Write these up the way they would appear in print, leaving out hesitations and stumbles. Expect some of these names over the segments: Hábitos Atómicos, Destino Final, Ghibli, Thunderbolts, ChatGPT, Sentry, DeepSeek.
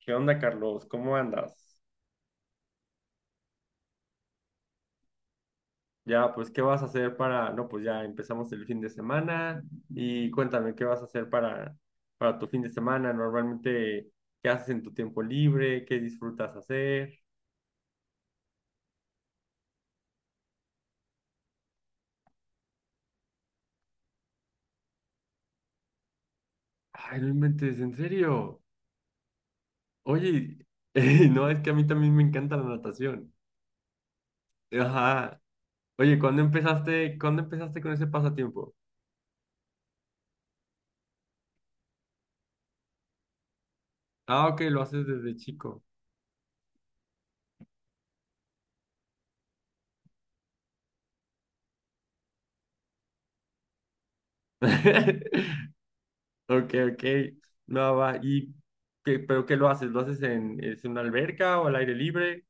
¿Qué onda, Carlos? ¿Cómo andas? Ya, pues, ¿qué vas a hacer para...? No, pues ya empezamos el fin de semana y cuéntame, ¿qué vas a hacer para tu fin de semana? Normalmente, ¿qué haces en tu tiempo libre? ¿Qué disfrutas hacer? Ay, no inventes, en serio. Oye, no, es que a mí también me encanta la natación. Ajá. Oye, ¿cuándo empezaste con ese pasatiempo? Ah, ok, lo haces desde chico. Ok, ok. No, va. ¿Y qué lo haces? ¿Lo haces en, es en una alberca o al aire libre?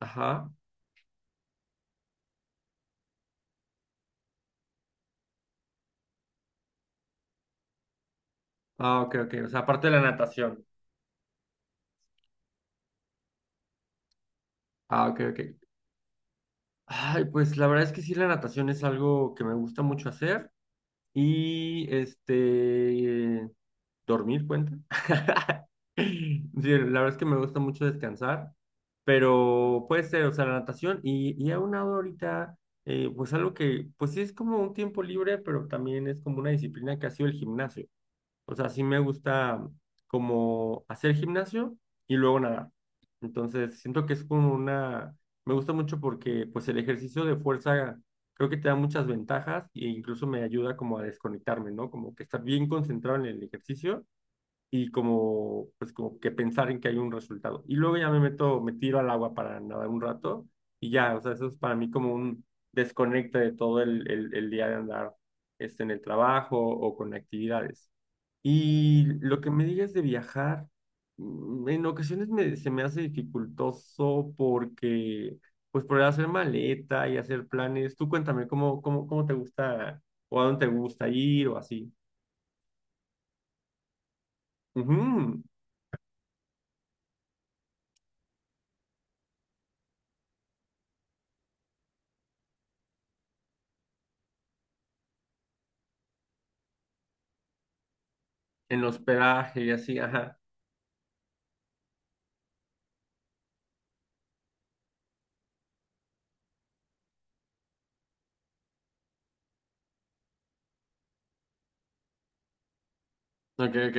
Ajá. Ah, ok, ok. O sea, aparte de la natación. Ah, ok, ok. Ay, pues la verdad es que sí, la natación es algo que me gusta mucho hacer. Y dormir cuenta. Sí, la verdad es que me gusta mucho descansar, pero puede ser, o sea, la natación y a una hora ahorita, pues algo que, pues sí es como un tiempo libre, pero también es como una disciplina que ha sido el gimnasio. O sea, sí me gusta como hacer gimnasio y luego nadar. Entonces, siento que es como una, me gusta mucho porque pues el ejercicio de fuerza creo que te da muchas ventajas e incluso me ayuda como a desconectarme, ¿no? Como que estar bien concentrado en el ejercicio y como, pues como que pensar en que hay un resultado. Y luego ya me meto, me tiro al agua para nadar un rato y ya, o sea, eso es para mí como un desconecte de todo el día de andar en el trabajo o con actividades. Y lo que me digas de viajar, en ocasiones me, se me hace dificultoso porque, pues por hacer maleta y hacer planes, tú cuéntame cómo te gusta o a dónde te gusta ir o así. Ujú. En hospedaje y así, ajá. Ok, ok.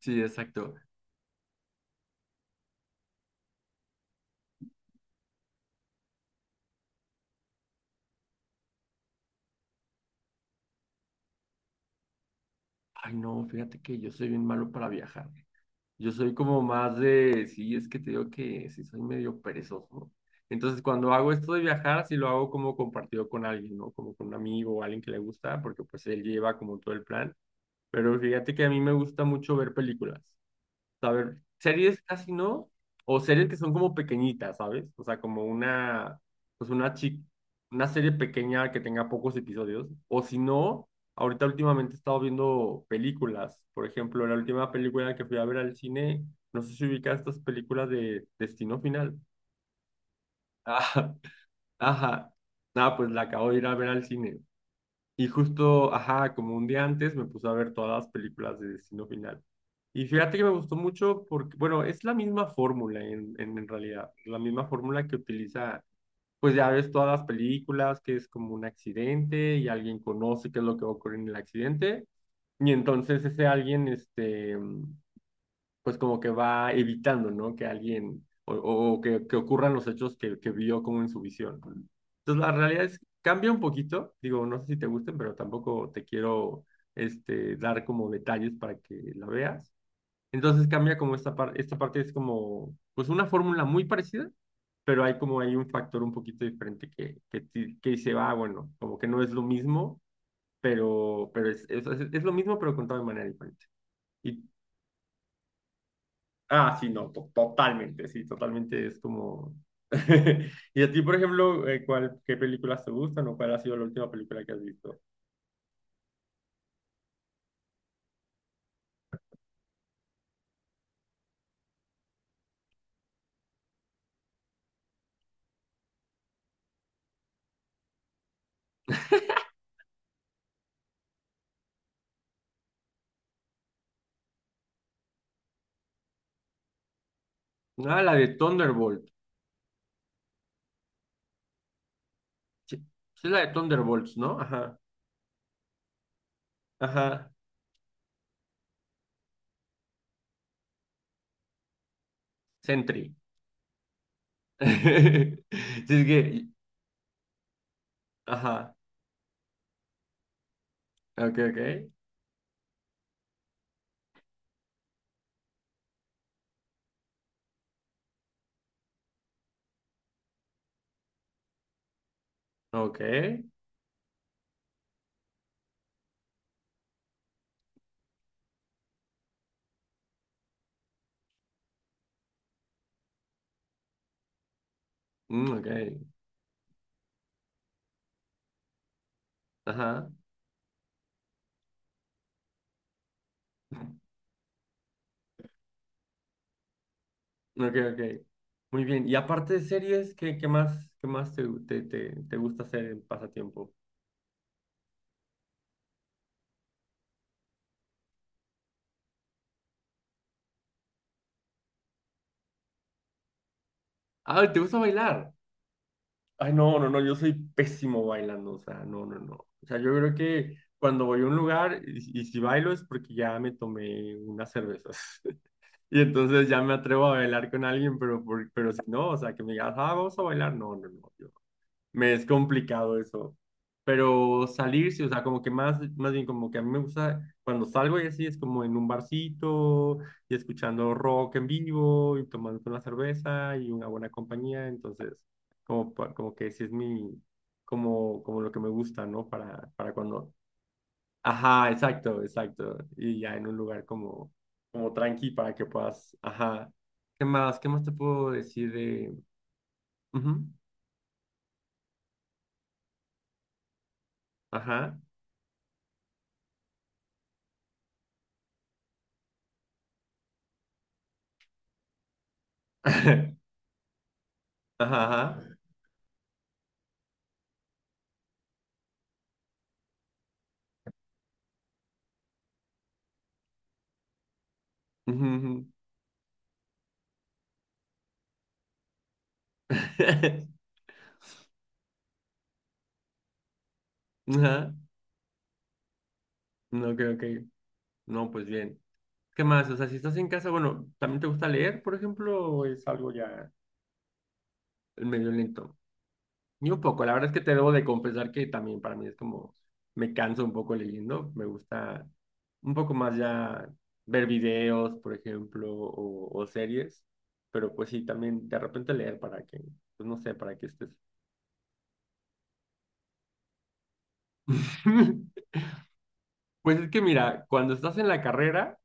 Sí, exacto. Ay, no, fíjate que yo soy bien malo para viajar. Yo soy como más de, sí, es que te digo que sí soy medio perezoso. Entonces, cuando hago esto de viajar, sí lo hago como compartido con alguien, ¿no? Como con un amigo o alguien que le gusta, porque pues él lleva como todo el plan. Pero fíjate que a mí me gusta mucho ver películas. A series casi no, o series que son como pequeñitas, ¿sabes? O sea, como una, pues una chi- una serie pequeña que tenga pocos episodios. O si no, ahorita últimamente he estado viendo películas. Por ejemplo, la última película que fui a ver al cine, no sé si ubicas estas películas de Destino Final. Ajá, ajá. Ah, pues la acabo de ir a ver al cine. Y justo, ajá, como un día antes me puse a ver todas las películas de Destino Final. Y fíjate que me gustó mucho porque, bueno, es la misma fórmula en realidad, la misma fórmula que utiliza, pues ya ves todas las películas, que es como un accidente y alguien conoce qué es lo que ocurre en el accidente. Y entonces ese alguien, pues como que va evitando, ¿no? Que alguien o que ocurran los hechos que vio como en su visión. Entonces la realidad es, cambia un poquito, digo, no sé si te gusten, pero tampoco te quiero dar como detalles para que la veas. Entonces cambia como esta parte es como, pues una fórmula muy parecida, pero hay un factor un poquito diferente que dice, ah, bueno, como que no es lo mismo, pero es es lo mismo, pero contado de manera diferente. ¿Y Ah, sí, no, totalmente, sí, totalmente es como... ¿Y a ti, por ejemplo, qué películas te gustan o cuál ha sido la última película que has visto? Ah, la de Thunderbolt. Sí, sí es la de Thunderbolts, ¿no? Ajá, ajá. Sentry. Sí, es que, ajá. Ok, ok. Ok. Mm, ok. Ajá. Ok, ok. Muy bien. Y aparte de series, ¿qué más te gusta hacer en pasatiempo? Ah, ¿te gusta bailar? Ay, no, no, no, yo soy pésimo bailando, o sea, no, no, no. O sea, yo creo que cuando voy a un lugar y si bailo es porque ya me tomé unas cervezas. Y entonces ya me atrevo a bailar con alguien, pero si no, o sea, que me digas, ah, vamos a bailar, no, no, no. Me es complicado eso. Pero salir, sí, o sea, como que más, más bien como que a mí me gusta, cuando salgo y así es como en un barcito y escuchando rock en vivo y tomando una cerveza y una buena compañía. Entonces, como que sí es mi, como, como lo que me gusta, ¿no? Para cuando... Ajá, exacto, exacto. Y ya en un lugar como, como tranqui para que puedas, ajá. ¿Qué más? ¿Qué más te puedo decir de... Ujú. Ajá. Ajá, ajá. Ujú, ujú. Ajá. No, creo que. No, pues bien. ¿Qué más? O sea, si estás en casa, bueno, ¿también te gusta leer, por ejemplo, o es algo ya medio lento? Ni un poco. La verdad es que te debo de confesar que también para mí es como, me canso un poco leyendo. Me gusta un poco más ya ver videos, por ejemplo, o series. Pero pues sí, también de repente leer para que, pues no sé, para que estés. Pues es que mira, cuando estás en la carrera,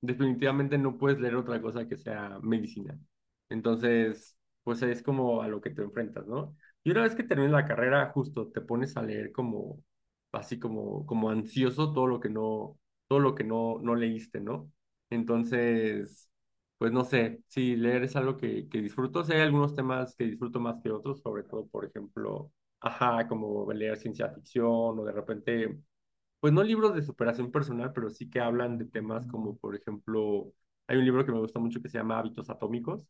definitivamente no puedes leer otra cosa que sea medicina. Entonces, pues es como a lo que te enfrentas, ¿no? Y una vez que terminas la carrera, justo te pones a leer como, así como, como ansioso todo lo que no, todo lo que no, no leíste, ¿no? Entonces, pues no sé, sí, leer es algo que disfruto. Sí, hay algunos temas que disfruto más que otros, sobre todo, por ejemplo, ajá, como leer ciencia ficción o de repente pues no libros de superación personal, pero sí que hablan de temas como, por ejemplo, hay un libro que me gusta mucho que se llama Hábitos Atómicos,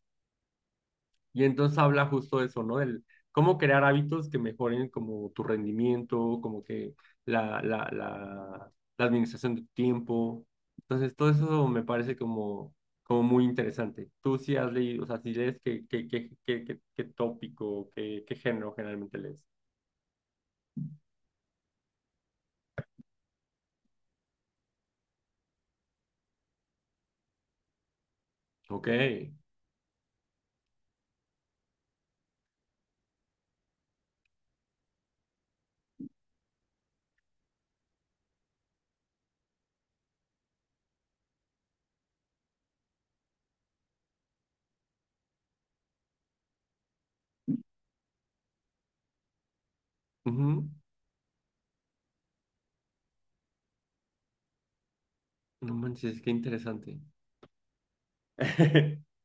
y entonces habla justo de eso, ¿no? Del cómo crear hábitos que mejoren como tu rendimiento, como que la, la, la, la administración de tu tiempo. Entonces, todo eso me parece como, como muy interesante. Tú sí has leído, o sea, si lees, ¿qué, qué, qué, qué, qué, qué tópico, qué, qué género generalmente lees? Ok. Ujú. No manches, qué interesante.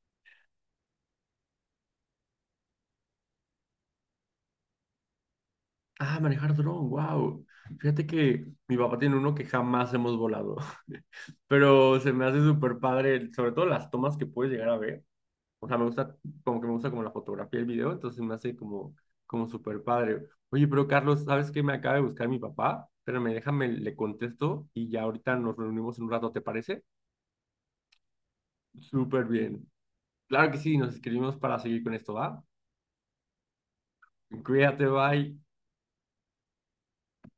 Ah, manejar dron, wow. Fíjate que mi papá tiene uno que jamás hemos volado, pero se me hace súper padre, sobre todo las tomas que puedes llegar a ver. O sea, me gusta, como que me gusta como la fotografía y el video, entonces me hace como, como súper padre. Oye, pero Carlos, ¿sabes qué? Me acaba de buscar mi papá. Espérame, déjame, le contesto y ya ahorita nos reunimos en un rato, ¿te parece? Súper bien. Claro que sí, nos escribimos para seguir con esto, ¿va? Cuídate, bye.